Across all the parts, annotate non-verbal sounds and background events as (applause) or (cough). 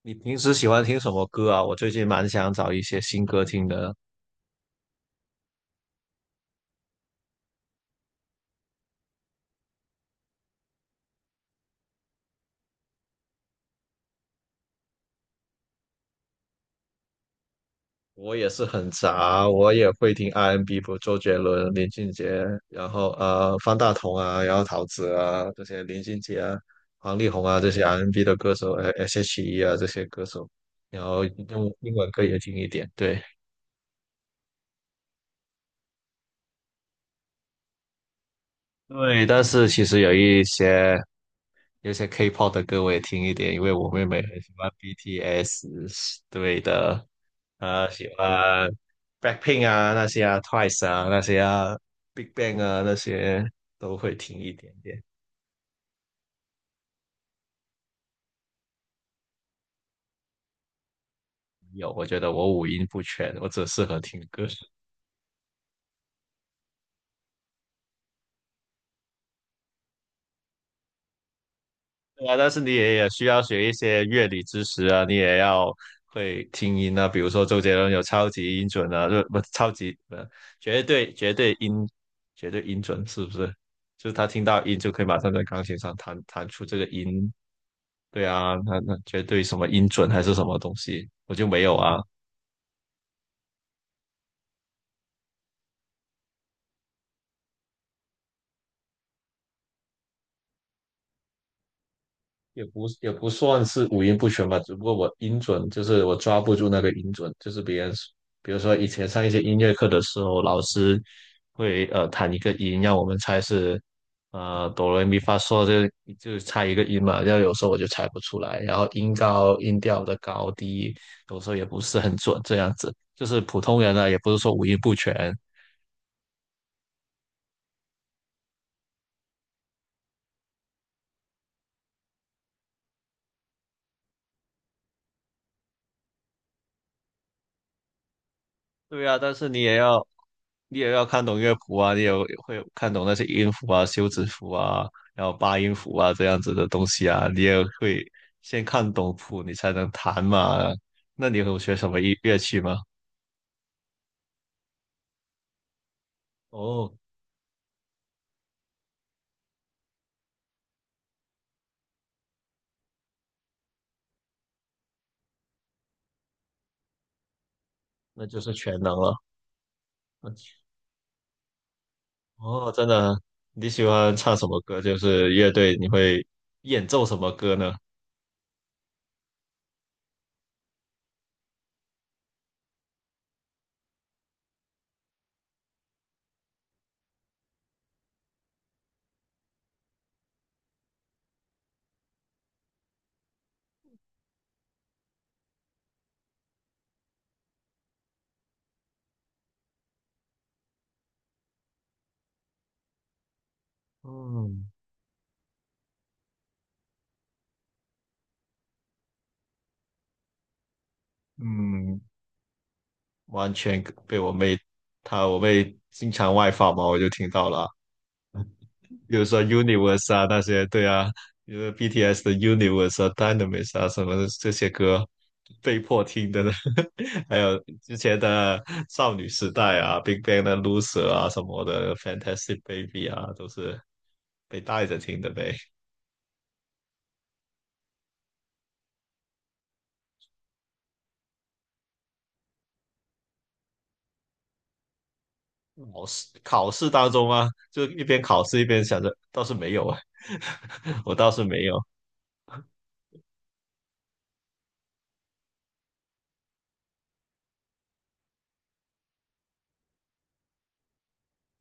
你平时喜欢听什么歌啊？我最近蛮想找一些新歌听的。我也是很杂，我也会听 R&B，N 不，周杰伦、林俊杰，然后方大同啊，然后陶喆啊这些，林俊杰啊、王力宏啊这些 R&B N 的歌手，S.H.E 啊这些歌手，然后用英文歌也听一点，对。对，但是其实有一些。有些 K-pop 的歌我也听一点，因为我妹妹很喜欢 BTS。 对的，喜欢 Blackpink 啊那些啊，Twice 啊那些啊，Big Bang 啊那些都会听一点点。有，我觉得我五音不全，我只适合听歌。对啊，但是你也也需要学一些乐理知识啊，你也要会听音啊，比如说周杰伦有超级音准啊，就不超级呃绝对绝对音绝对音准是不是？就是他听到音就可以马上在钢琴上弹出这个音，对啊，那绝对什么音准还是什么东西，我就没有啊。也不算是五音不全吧，只不过我音准就是我抓不住那个音准，就是别人，比如说以前上一些音乐课的时候，老师会弹一个音，让我们猜是哆来咪发嗦，就猜一个音嘛，然后有时候我就猜不出来，然后音高音调的高低有时候也不是很准，这样子就是普通人呢，也不是说五音不全，对啊，但是你也要看懂乐谱啊，你也会看懂那些音符啊、休止符啊，然后八音符啊这样子的东西啊，你也会先看懂谱，你才能弹嘛。那你有学什么乐器吗？哦，那就是全能了。哦，真的，你喜欢唱什么歌？就是乐队，你会演奏什么歌呢？嗯嗯，完全被我妹，她我妹经常外放嘛，我就听到了。比如说 Universe 啊那些，对啊，比如说 BTS 的 Universe 啊、Dynamis 啊什么的这些歌，被迫听的呢。(laughs) 还有之前的少女时代啊，Big Bang 的 Loser 啊什么的，Fantastic Baby 啊，都是被带着听的呗。考试当中啊，就一边考试一边想着，倒是没有啊，(laughs) 我倒是没有。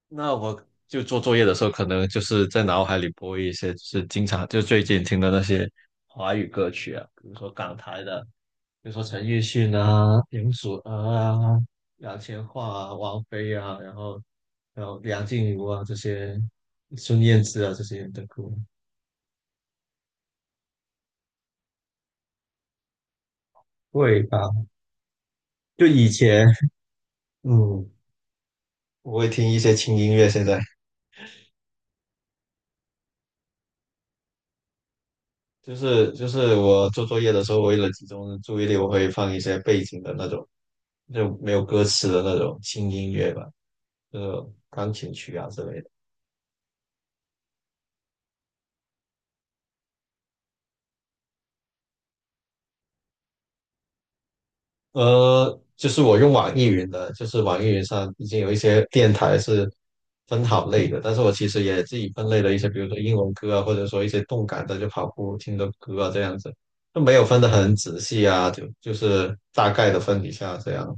那我就做作业的时候，可能就是在脑海里播一些，就是经常就最近听的那些华语歌曲啊，比如说港台的，比如说陈奕迅啊、林祖儿啊、杨千嬅啊、王菲啊，然后还有梁静茹啊这些，孙燕姿啊这些人的歌，会吧？就以前，嗯，我会听一些轻音乐，现在。就是我做作业的时候，为了集中注意力，我会放一些背景的那种，就没有歌词的那种轻音乐吧，就是钢琴曲啊之类的。就是我用网易云的，就是网易云上已经有一些电台是分好类的，但是我其实也自己分类了一些，比如说英文歌啊，或者说一些动感的，就跑步听的歌啊这样子，就没有分得很仔细啊，就是大概的分一下这样。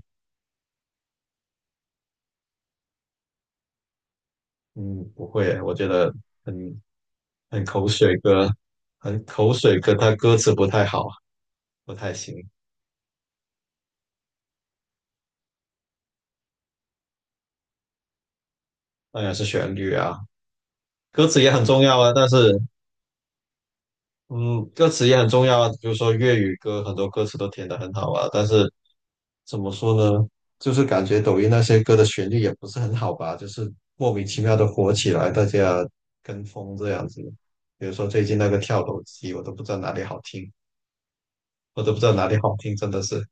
嗯，不会，我觉得很很口水歌，很口水歌，它歌词不太好，不太行。当然是旋律啊，歌词也很重要啊。但是，嗯，歌词也很重要啊。比如说粤语歌，很多歌词都填得很好啊。但是怎么说呢？就是感觉抖音那些歌的旋律也不是很好吧，就是莫名其妙的火起来，大家跟风这样子。比如说最近那个跳楼机，我都不知道哪里好听，我都不知道哪里好听，真的是。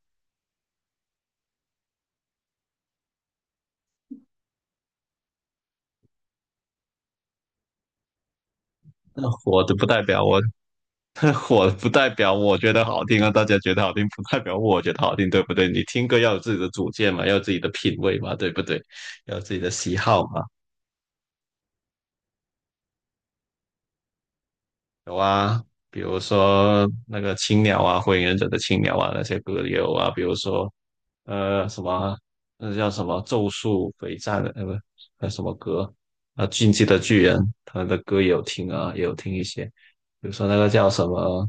那火的不代表我 (laughs) 火不代表我觉得好听啊，大家觉得好听不代表我觉得好听，对不对？你听歌要有自己的主见嘛，要有自己的品味嘛，对不对？要有自己的喜好嘛。有啊，比如说那个青鸟啊，火影忍者的青鸟啊，那些歌也有啊。比如说呃什么，那叫什么咒术回战的，不，那什么歌啊，进击的巨人，他们的歌也有听啊，也有听一些。比如说那个叫什么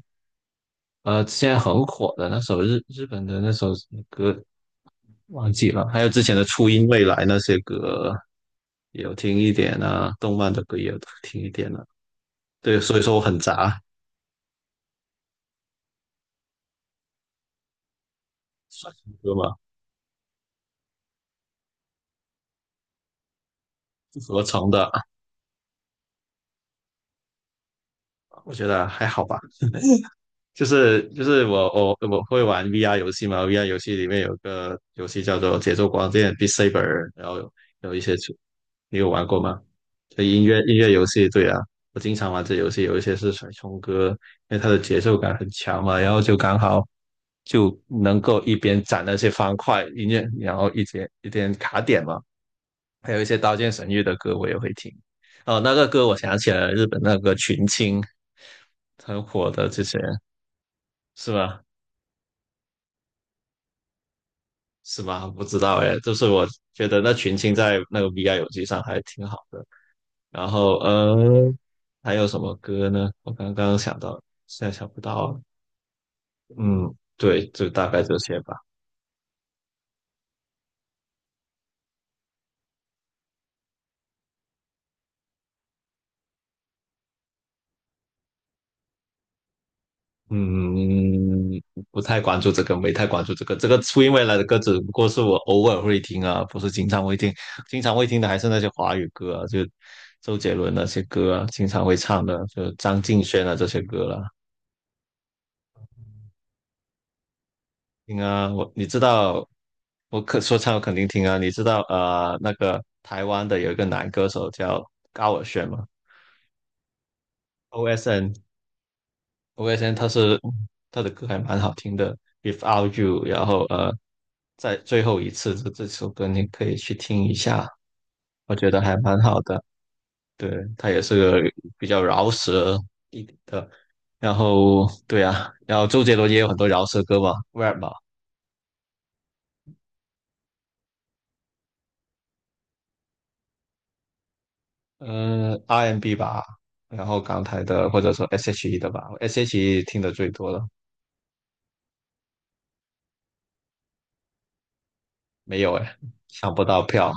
现在很火的那首日本的那首歌忘记了，还有之前的初音未来那些歌也有听一点啊，动漫的歌也有听一点啊。对，所以说我很杂，算是歌嘛，不合成的，我觉得还好吧。就是我会玩 VR 游戏嘛，VR 游戏里面有个游戏叫做《节奏光剑 b e a Saber），然后有一些出，你有玩过吗？这音乐游戏，对啊，我经常玩这游戏，有一些是甩葱歌，因为它的节奏感很强嘛，然后就刚好就能够一边攒那些方块音乐，然后一边卡点嘛。还有一些《刀剑神域》的歌我也会听，哦，那个歌我想起来了，日本那个群青很火的之前是吧？是吗？不知道哎，就是我觉得那群青在那个 VR 游戏上还挺好的。然后还有什么歌呢？我刚刚想到，现在想不到了。嗯，对，就大概这些吧。嗯，不太关注这个，没太关注这个。这个初音未来的歌只不过是我偶尔会听啊，不是经常会听。经常会听的还是那些华语歌啊，就周杰伦那些歌啊，经常会唱的，就张敬轩啊这些歌了、听啊，我你知道，我可说唱我肯定听啊。你知道那个台湾的有一个男歌手叫高尔宣吗？OSN，OSN 他是他的歌还蛮好听的，Without You，然后在最后一次这首歌你可以去听一下，我觉得还蛮好的。对，他也是个比较饶舌一点的，然后对啊，然后周杰伦也有很多饶舌歌嘛，rap 嘛。嗯，RMB 吧，然后港台的或者说 SHE 的吧，SHE 听的最多了。没有哎，抢不到票，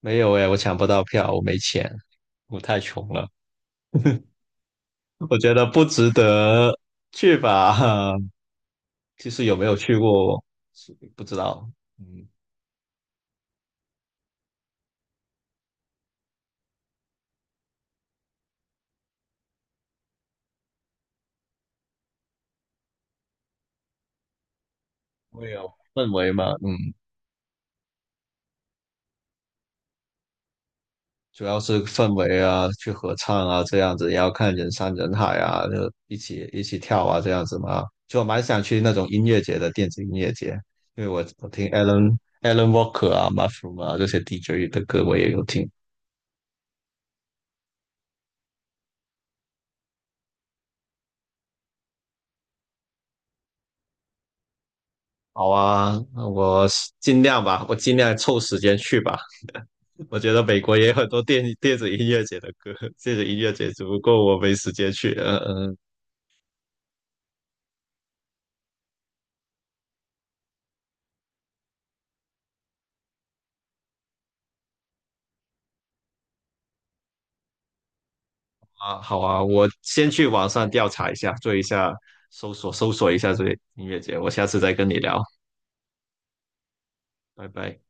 没有哎，我抢不到票，我没钱，我太穷了，我觉得不值得去吧。(laughs) 其实有没有去过，不知道。嗯，会有氛围嘛，嗯。主要是氛围啊，去合唱啊，这样子，也要看人山人海啊，就一起跳啊，这样子嘛。就我蛮想去那种音乐节的电子音乐节，因为我听 Alan Walker 啊、Mushroom 啊这些 DJ 的歌我也有听。好啊，那我尽量吧，我尽量凑时间去吧。(laughs) 我觉得美国也有很多电子音乐节的歌，电子音乐节，只不过我没时间去。嗯嗯。啊，好啊，我先去网上调查一下，做一下搜索，搜索一下这个音乐节，我下次再跟你聊，拜拜。